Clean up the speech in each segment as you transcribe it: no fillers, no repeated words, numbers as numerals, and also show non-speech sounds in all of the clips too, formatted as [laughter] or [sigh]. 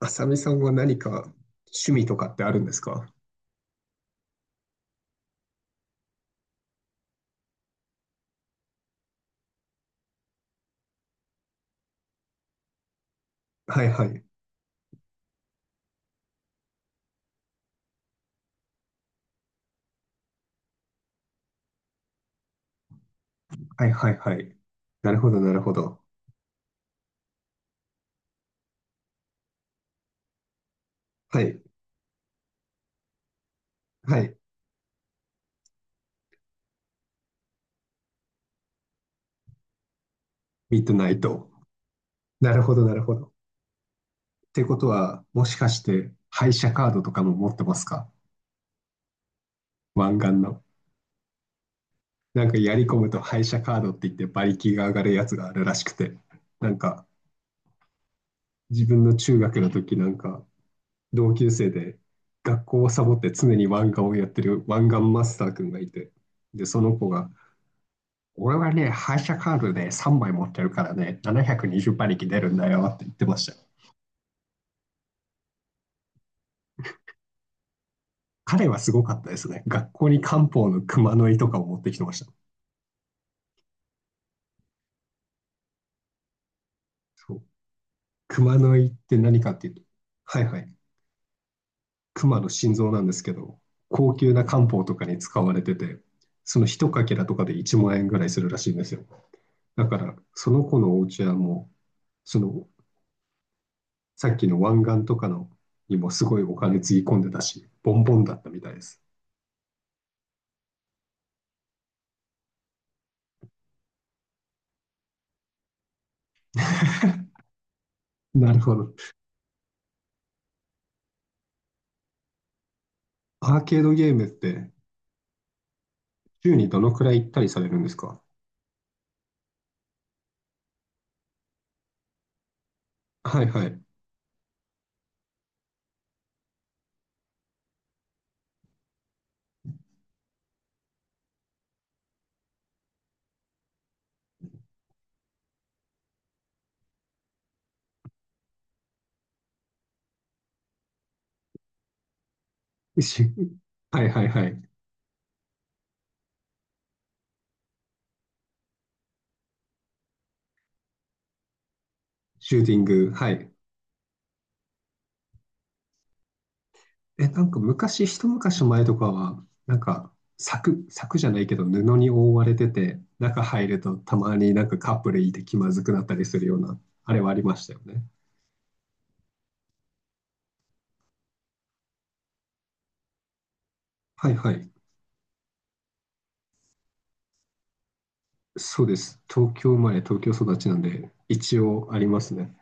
あさみさんは何か趣味とかってあるんですか？はいはい。はいはいはい。なるほどなるほど。はいはい。ミッドナイト。なるほどなるほど。ってことは、もしかして廃車カードとかも持ってますか？湾岸の。なんかやり込むと廃車カードって言って馬力が上がるやつがあるらしくて。なんか自分の中学の時なんか同級生で学校をサボって常に湾岸をやってる湾岸マスター君がいて。で、その子が俺はね、廃車カードで3枚持ってるからね、720馬力出るんだよって言ってましたよ。彼はすごかったですね。学校に漢方の熊の胃とかを持ってきてました。そう。熊の胃って何かっていうと、はいはい。熊の心臓なんですけど、高級な漢方とかに使われてて、その一かけらとかで1万円ぐらいするらしいんですよ。だから、その子のお家はもう、その、さっきの湾岸とかのにもすごいお金つぎ込んでたし、ボンボンだったみたいです。[laughs] なるほど。アーケードゲームって週にどのくらい行ったりされるんですか？はいはい。しはいはいはい。シューティング。はい。え、なんか昔、一昔前とかは、なんか柵、柵じゃないけど布に覆われてて、中入るとたまになんかカップルいて気まずくなったりするような、あれはありましたよね。はいはい。そうです。東京生まれ、東京育ちなんで、一応ありますね。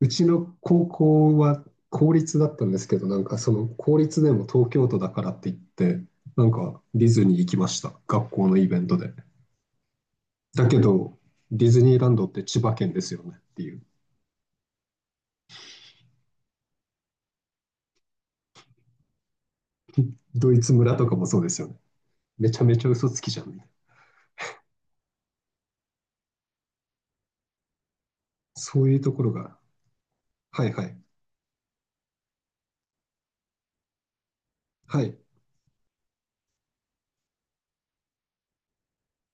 うちの高校は公立だったんですけど、なんかその公立でも東京都だからって言って、なんかディズニー行きました、学校のイベントで。だけど、ディズニーランドって千葉県ですよねっていう。ドイツ村とかもそうですよね。めちゃめちゃ嘘つきじゃん。そういうところが、はいはい、はい、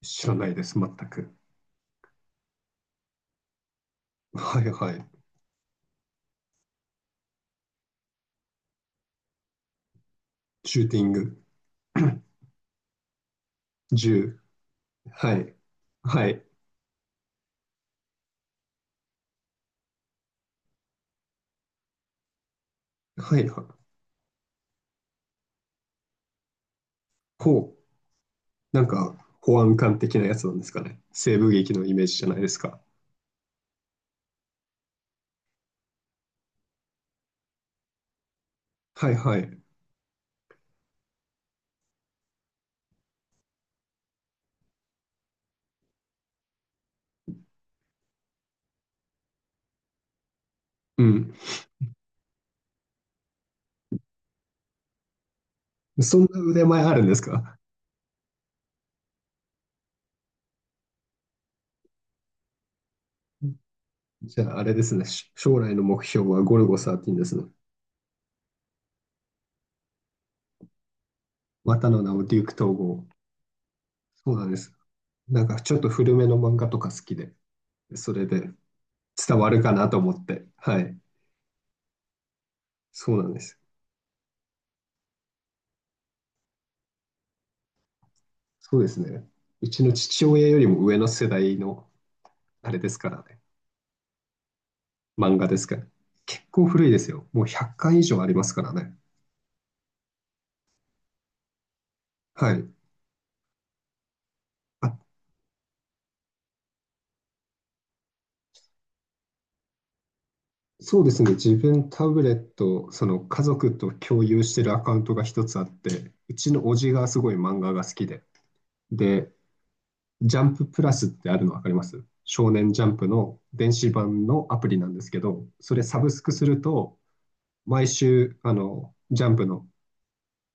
知らないです、全く。はいはい、シューティング、[clears throat] [coughs] 銃、はい、はい、はい、ほう、なんか保安官的なやつなんですかね。西部劇のイメージじゃないですか。はいはい。うん。そんな腕前あるんですか？ [laughs] じゃああれですね。し将来の目標はゴルゴ13ですね。またの名をデューク統合。そうなんです。なんかちょっと古めの漫画とか好きで、それで伝わるかなと思って。はい。そうなんです。そうですね。うちの父親よりも上の世代のあれですからね。漫画ですから。結構古いですよ。もう100巻以上ありますからね。はい。そうですね。自分タブレット、その家族と共有してるアカウントが一つあって、うちの叔父がすごい漫画が好きで。で、ジャンププラスってあるの分かります？少年ジャンプの電子版のアプリなんですけど、それサブスクすると、毎週、ジャンプの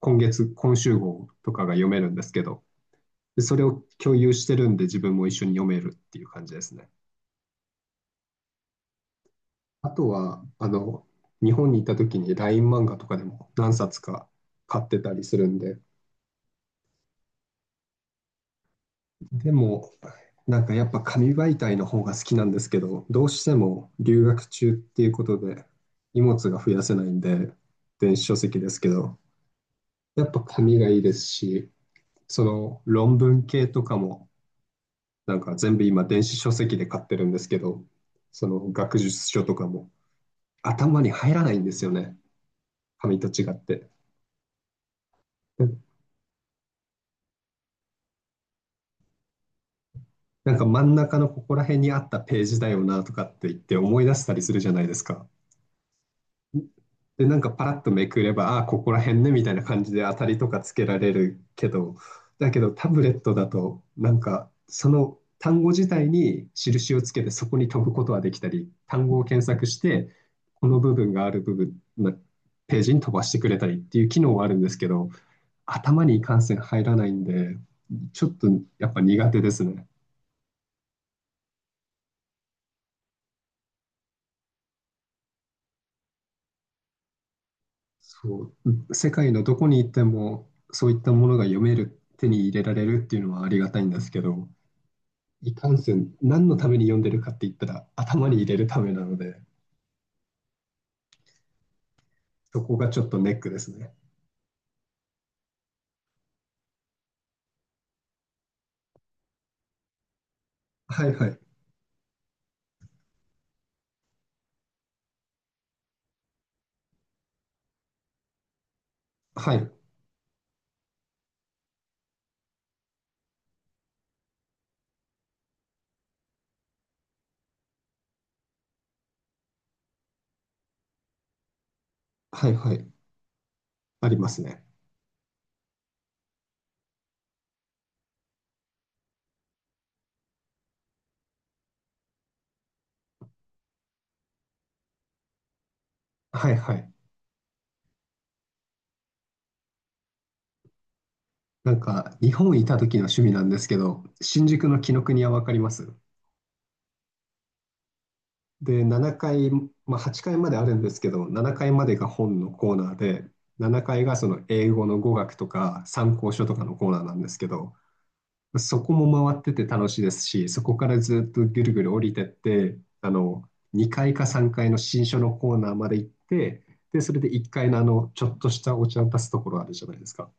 今月、今週号とかが読めるんですけど、でそれを共有してるんで自分も一緒に読めるっていう感じですね。あとは、日本にいた時に LINE 漫画とかでも何冊か買ってたりするんで、でも、なんかやっぱ紙媒体の方が好きなんですけど、どうしても留学中っていうことで荷物が増やせないんで、電子書籍ですけど、やっぱ紙がいいですし、その論文系とかも、なんか全部今電子書籍で買ってるんですけど、その学術書とかも頭に入らないんですよね、紙と違って。だなんか真ん中のここら辺にあったページだよなとかって言って思い出したりするじゃないですか。で、なんかパラッとめくれば、ああ、ここら辺ねみたいな感じで当たりとかつけられるけど、だけどタブレットだと、なんかその単語自体に印をつけてそこに飛ぶことはできたり、単語を検索して、この部分がある部分、まあページに飛ばしてくれたりっていう機能はあるんですけど、頭にいかんせん入らないんで、ちょっとやっぱ苦手ですね。そう、世界のどこに行ってもそういったものが読める、手に入れられるっていうのはありがたいんですけど、いかんせん何のために読んでるかって言ったら頭に入れるためなので、そこがちょっとネックですね。はいはい。はい。はいはい。ありますね。はいはい。なんか日本いた時の趣味なんですけど、新宿の紀伊国屋わかります？で、7回まあ、8階まであるんですけど、7回までが本のコーナーで、7回がその英語の語学とか参考書とかのコーナーなんですけど、そこも回ってて楽しいですし、そこからずっとぐるぐる降りてって、2回か3回の新書のコーナーまで行って、で、それで1回のちょっとしたお茶を出すところあるじゃないですか。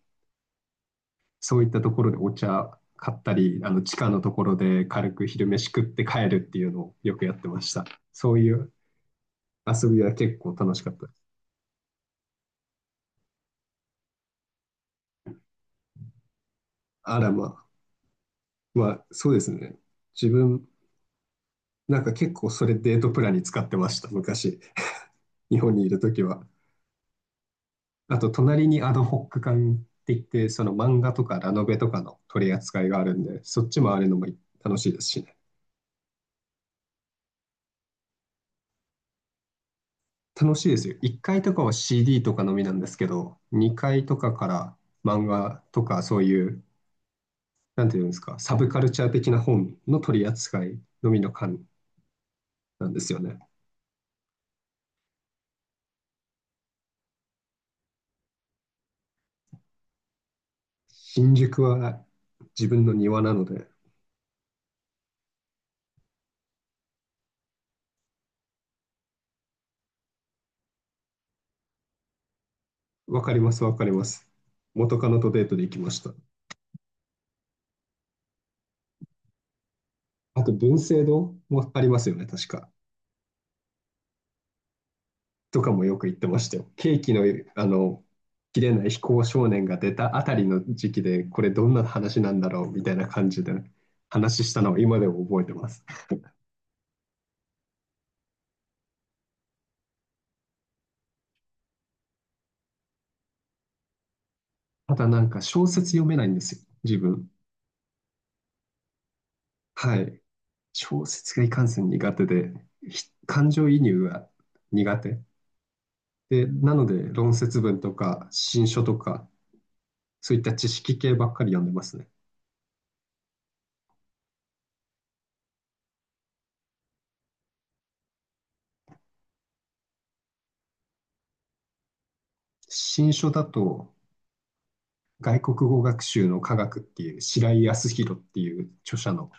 そういったところでお茶買ったり、地下のところで軽く昼飯食って帰るっていうのをよくやってました。そういう遊びは結構楽しかった。あらまあ、まあ、そうですね。自分、なんか結構それデートプランに使ってました、昔。日本にいるときは。あと、隣にアドホック館って言って、その漫画とかラノベとかの取り扱いがあるんで、そっちもあるのも楽しいですしね。楽しいですよ。1階とかは CD とかのみなんですけど、2階とかから漫画とかそういう、なんていうんですか、サブカルチャー的な本の取り扱いのみの館なんですよね。新宿は自分の庭なので、わかります、わかります。元カノとデートで行きました。あと、文政堂もありますよね、確か。とかもよく行ってましたよ。ケーキの、あの、切れない非行少年が出たあたりの時期で、これどんな話なんだろうみたいな感じで話したのを今でも覚えてます。まただなんか小説読めないんですよ、自分。はい。小説がいかんせん苦手で、ひ感情移入が苦手。で、なので、論説文とか、新書とか、そういった知識系ばっかり読んでますね。新書だと、外国語学習の科学っていう、白井康弘っていう著者の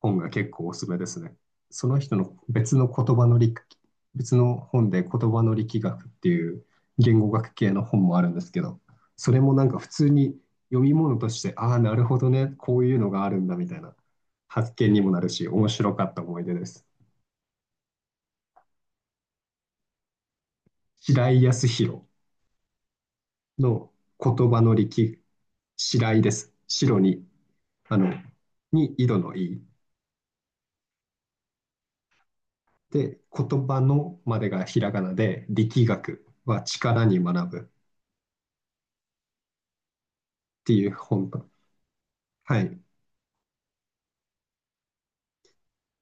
本が結構おすすめですね。その人の別の言葉の力、別の本で言葉の力学っていう言語学系の本もあるんですけど、それもなんか普通に読み物として、ああ、なるほどね、こういうのがあるんだみたいな発見にもなるし、面白かった思い出です。白井康弘の言葉の力、白井です。白に、あの、に井戸の井。で、言葉のまでがひらがなで、力学は力に学ぶっていう本と、はい。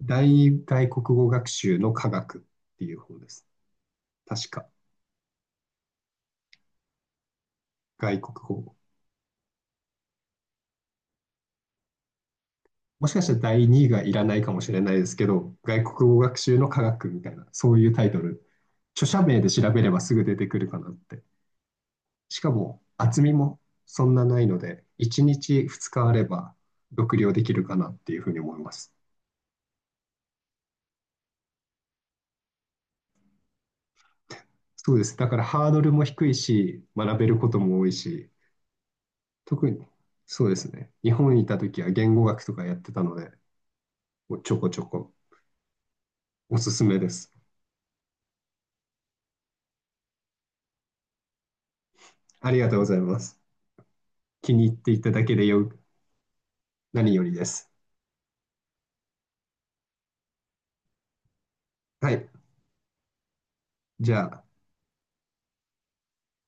大外国語学習の科学っていう本です。確か、外国語。もしかしたら第2位がいらないかもしれないですけど、外国語学習の科学みたいな、そういうタイトル、著者名で調べればすぐ出てくるかなって。しかも厚みもそんなないので、1日2日あれば読了できるかなっていうふうに思います。そうです。だからハードルも低いし、学べることも多いし、特にそうですね。日本にいた時は言語学とかやってたので、もうちょこちょこおすすめです。ありがとうございます。気に入っていただけでよ、何よりです。はい。じゃあ。